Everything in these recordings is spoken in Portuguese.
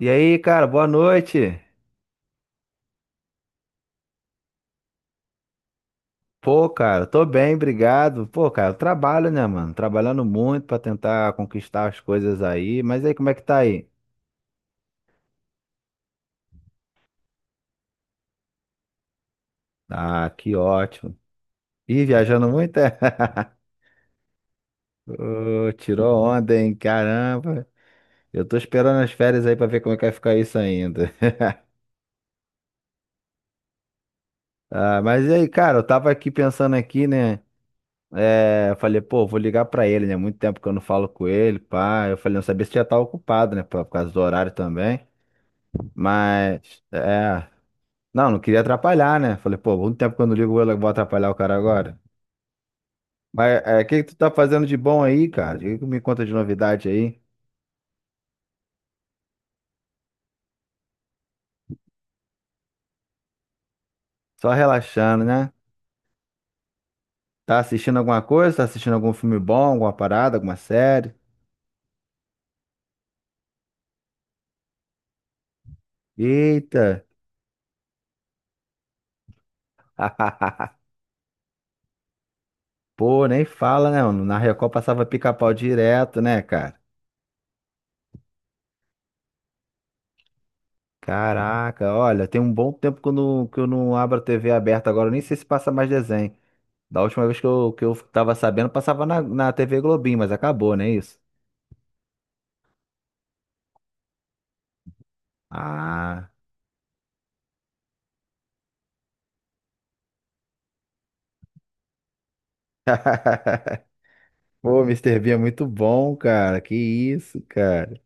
E aí, cara, boa noite. Pô, cara, tô bem, obrigado. Pô, cara, eu trabalho, né, mano? Trabalhando muito pra tentar conquistar as coisas aí. Mas aí, como é que tá aí? Ah, que ótimo. Ih, viajando muito, é? Ô, tirou onda, hein? Caramba. Eu tô esperando as férias aí pra ver como é que vai ficar isso ainda. Ah, mas e aí, cara, eu tava aqui pensando aqui, né? É, eu falei, pô, vou ligar pra ele, né? Muito tempo que eu não falo com ele, pá. Eu falei, não sabia se já tava ocupado, né? Por causa do horário também. Mas, é. Não, não queria atrapalhar, né? Falei, pô, muito tempo que eu não ligo, eu vou atrapalhar o cara agora. Mas é, o que que tu tá fazendo de bom aí, cara? O que que me conta de novidade aí? Só relaxando, né? Tá assistindo alguma coisa? Tá assistindo algum filme bom, alguma parada, alguma série? Eita! Pô, nem fala, né? Mano? Na Record passava pica-pau direto, né, cara? Caraca, olha, tem um bom tempo que eu não abro a TV aberta agora, eu nem sei se passa mais desenho. Da última vez que eu tava sabendo, passava na TV Globinho, mas acabou, não é isso? Ah. Pô, Mister Bean é muito bom, cara. Que isso, cara.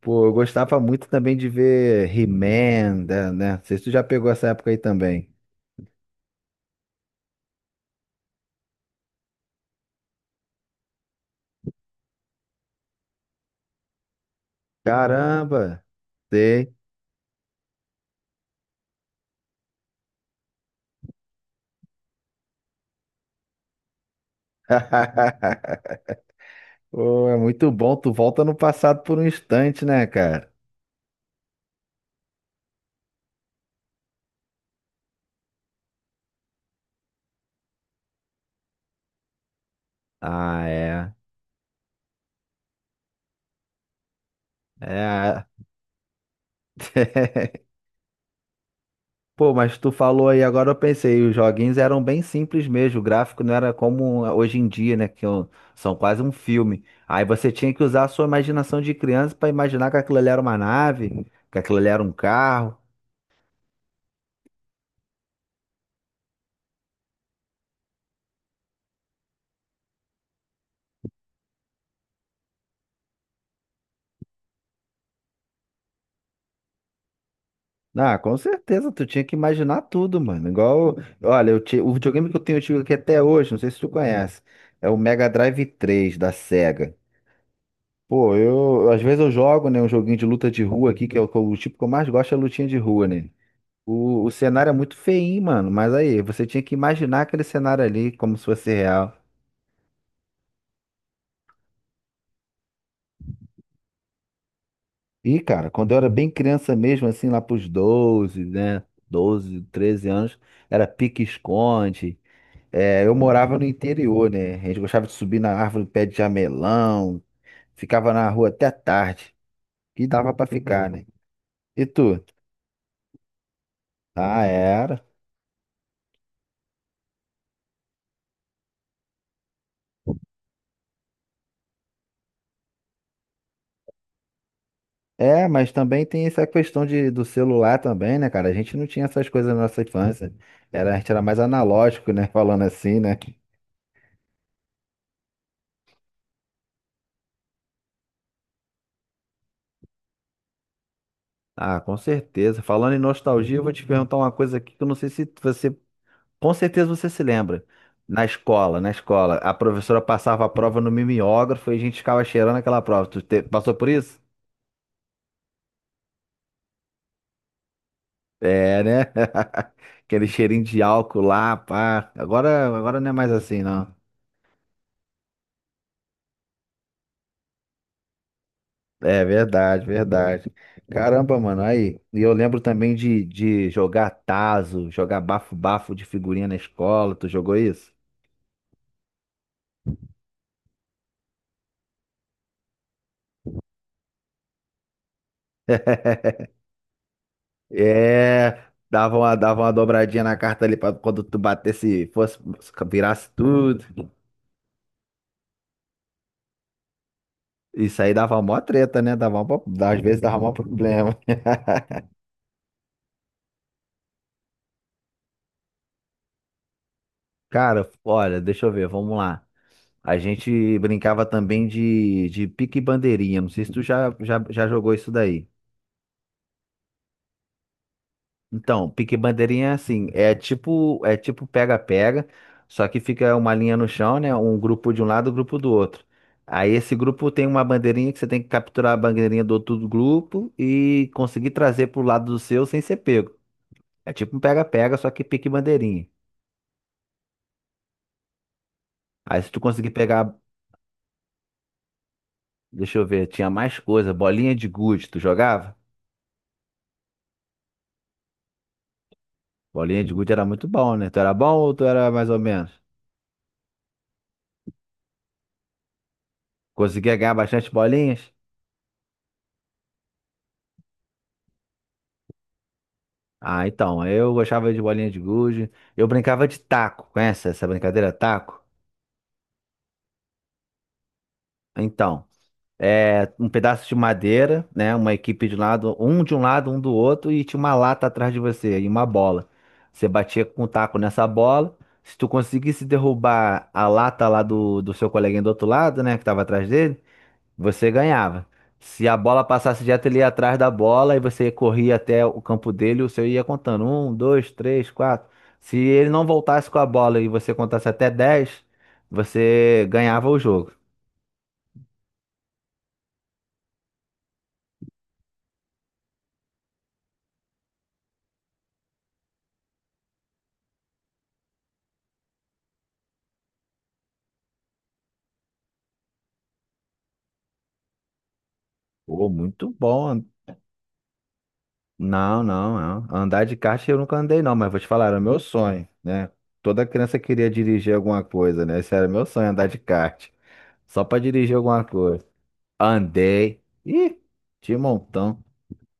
Pô, eu gostava muito também de ver He-Man, né? Não sei se tu já pegou essa época aí também. Caramba! Sei. Pô, é muito bom. Tu volta no passado por um instante, né, cara? Ah, é. É. Pô, mas tu falou aí, agora eu pensei, os joguinhos eram bem simples mesmo, o gráfico não era como hoje em dia, né, são quase um filme. Aí você tinha que usar a sua imaginação de criança pra imaginar que aquilo ali era uma nave, que aquilo ali era um carro. Ah, com certeza, tu tinha que imaginar tudo, mano. Igual, olha, o videogame que eu tenho eu aqui até hoje, não sei se tu conhece, é o Mega Drive 3 da Sega. Pô, eu, às vezes eu jogo, né, um joguinho de luta de rua aqui, que é o tipo que eu mais gosto é lutinha de rua, né? O cenário é muito feinho, mano. Mas aí, você tinha que imaginar aquele cenário ali como se fosse real. E, cara, quando eu era bem criança mesmo, assim, lá pros 12 né? 12, 13 anos, era pique-esconde. É, eu morava no interior, né? A gente gostava de subir na árvore do pé de jamelão. Ficava na rua até tarde. E dava pra ficar, né? E tu? Ah, era. É, mas também tem essa questão de, do celular também, né, cara? A gente não tinha essas coisas na nossa infância. Era, a gente era mais analógico, né? Falando assim, né? Ah, com certeza. Falando em nostalgia, eu vou te perguntar uma coisa aqui que eu não sei se você, com certeza você se lembra. Na escola, a professora passava a prova no mimeógrafo e a gente ficava cheirando aquela prova. Passou por isso? É, né? Aquele cheirinho de álcool lá, pá. Agora não é mais assim, não. É verdade, verdade. Caramba, mano, aí. E eu lembro também de jogar tazo, jogar bafo-bafo de figurinha na escola. Tu jogou isso? É, dava uma dobradinha na carta ali pra quando tu batesse, fosse, virasse tudo. Isso aí dava mó treta, né? Dava mó, às vezes dava mó problema. Cara, olha, deixa eu ver, vamos lá. A gente brincava também de pique e bandeirinha. Não sei se tu já jogou isso daí. Então, pique bandeirinha é assim, é tipo pega-pega, só que fica uma linha no chão, né? Um grupo de um lado, um grupo do outro. Aí esse grupo tem uma bandeirinha que você tem que capturar a bandeirinha do outro grupo e conseguir trazer pro lado do seu sem ser pego. É tipo um pega-pega, só que pique bandeirinha. Aí se tu conseguir pegar, deixa eu ver, tinha mais coisa, bolinha de gude, tu jogava? Bolinha de gude era muito bom, né? Tu era bom ou tu era mais ou menos? Conseguia ganhar bastante bolinhas? Ah, então, eu gostava de bolinha de gude. Eu brincava de taco, conhece essa brincadeira taco? Então, é um pedaço de madeira, né? Uma equipe de um lado, um de um lado, um do outro, e tinha uma lata atrás de você e uma bola. Você batia com o taco nessa bola. Se tu conseguisse derrubar a lata lá do seu coleguinha do outro lado, né, que tava atrás dele, você ganhava. Se a bola passasse direto, ele ia atrás da bola e você corria até o campo dele, o seu ia contando. Um, dois, três, quatro. Se ele não voltasse com a bola e você contasse até dez, você ganhava o jogo. Pô, muito bom. Não, não, não. Andar de kart eu nunca andei, não, mas vou te falar, era meu sonho, né? Toda criança queria dirigir alguma coisa, né? Esse era meu sonho, andar de kart. Só pra dirigir alguma coisa. Andei. Ih, de montão.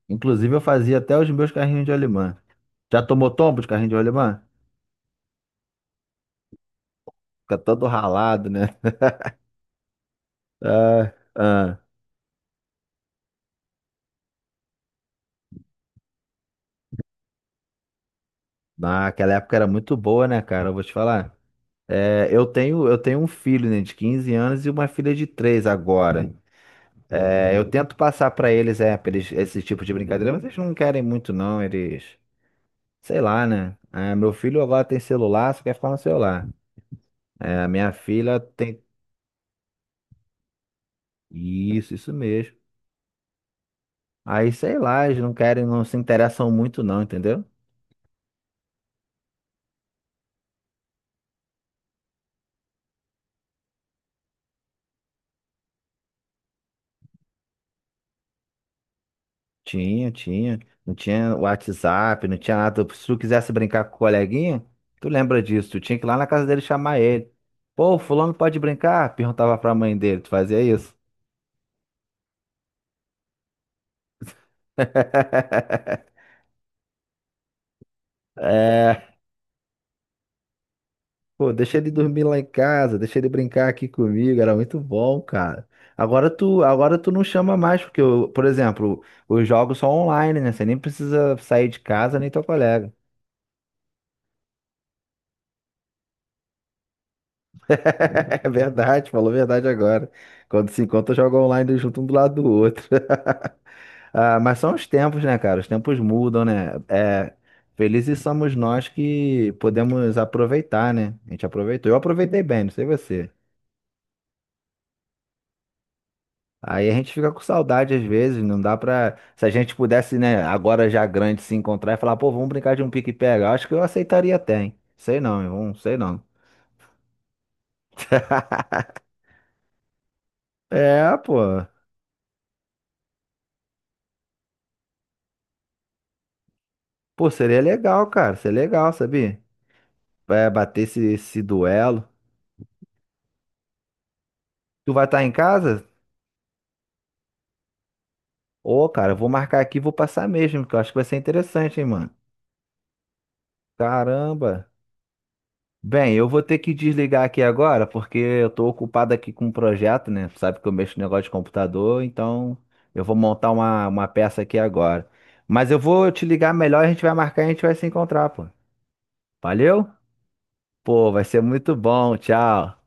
Inclusive, eu fazia até os meus carrinhos de rolimã. Já tomou tombo de carrinho de rolimã? Fica todo ralado, né? Ah, ah. Naquela época era muito boa, né, cara? Eu vou te falar. É, eu tenho um filho, né, de 15 anos e uma filha de 3 agora. É, eu tento passar pra eles, é, pra eles esse tipo de brincadeira, mas eles não querem muito, não. Eles, sei lá, né? Ah, meu filho agora tem celular, só quer ficar no celular. É, a minha filha tem. Isso mesmo. Aí, sei lá, eles não querem, não se interessam muito não, entendeu? Tinha, tinha. Não tinha WhatsApp, não tinha nada. Se tu quisesse brincar com o coleguinha, tu lembra disso, tu tinha que ir lá na casa dele chamar ele. Pô, fulano pode brincar? Perguntava pra mãe dele, tu fazia isso? É, pô, deixa ele dormir lá em casa, deixa ele brincar aqui comigo, era muito bom, cara. Agora tu não chama mais, porque, eu, por exemplo, os jogos são online, né? Você nem precisa sair de casa, nem teu colega. É verdade, falou a verdade agora. Quando se encontra, joga online junto um do lado do outro. Ah, mas são os tempos, né, cara? Os tempos mudam, né? É, felizes somos nós que podemos aproveitar, né? A gente aproveitou. Eu aproveitei bem, não sei você. Aí a gente fica com saudade às vezes, não dá pra. Se a gente pudesse, né, agora já grande, se encontrar e falar, pô, vamos brincar de um pique-pega. Acho que eu aceitaria até, hein? Sei não, irmão, sei não. É, pô. Pô, seria legal, cara. Seria legal, sabia? Vai bater esse, esse duelo. Tu vai estar em casa? Ô, cara, eu vou marcar aqui e vou passar mesmo, que eu acho que vai ser interessante, hein, mano. Caramba. Bem, eu vou ter que desligar aqui agora, porque eu tô ocupado aqui com um projeto, né? Sabe que eu mexo no negócio de computador, então eu vou montar uma peça aqui agora. Mas eu vou te ligar melhor, a gente vai marcar e a gente vai se encontrar, pô. Valeu? Pô, vai ser muito bom. Tchau.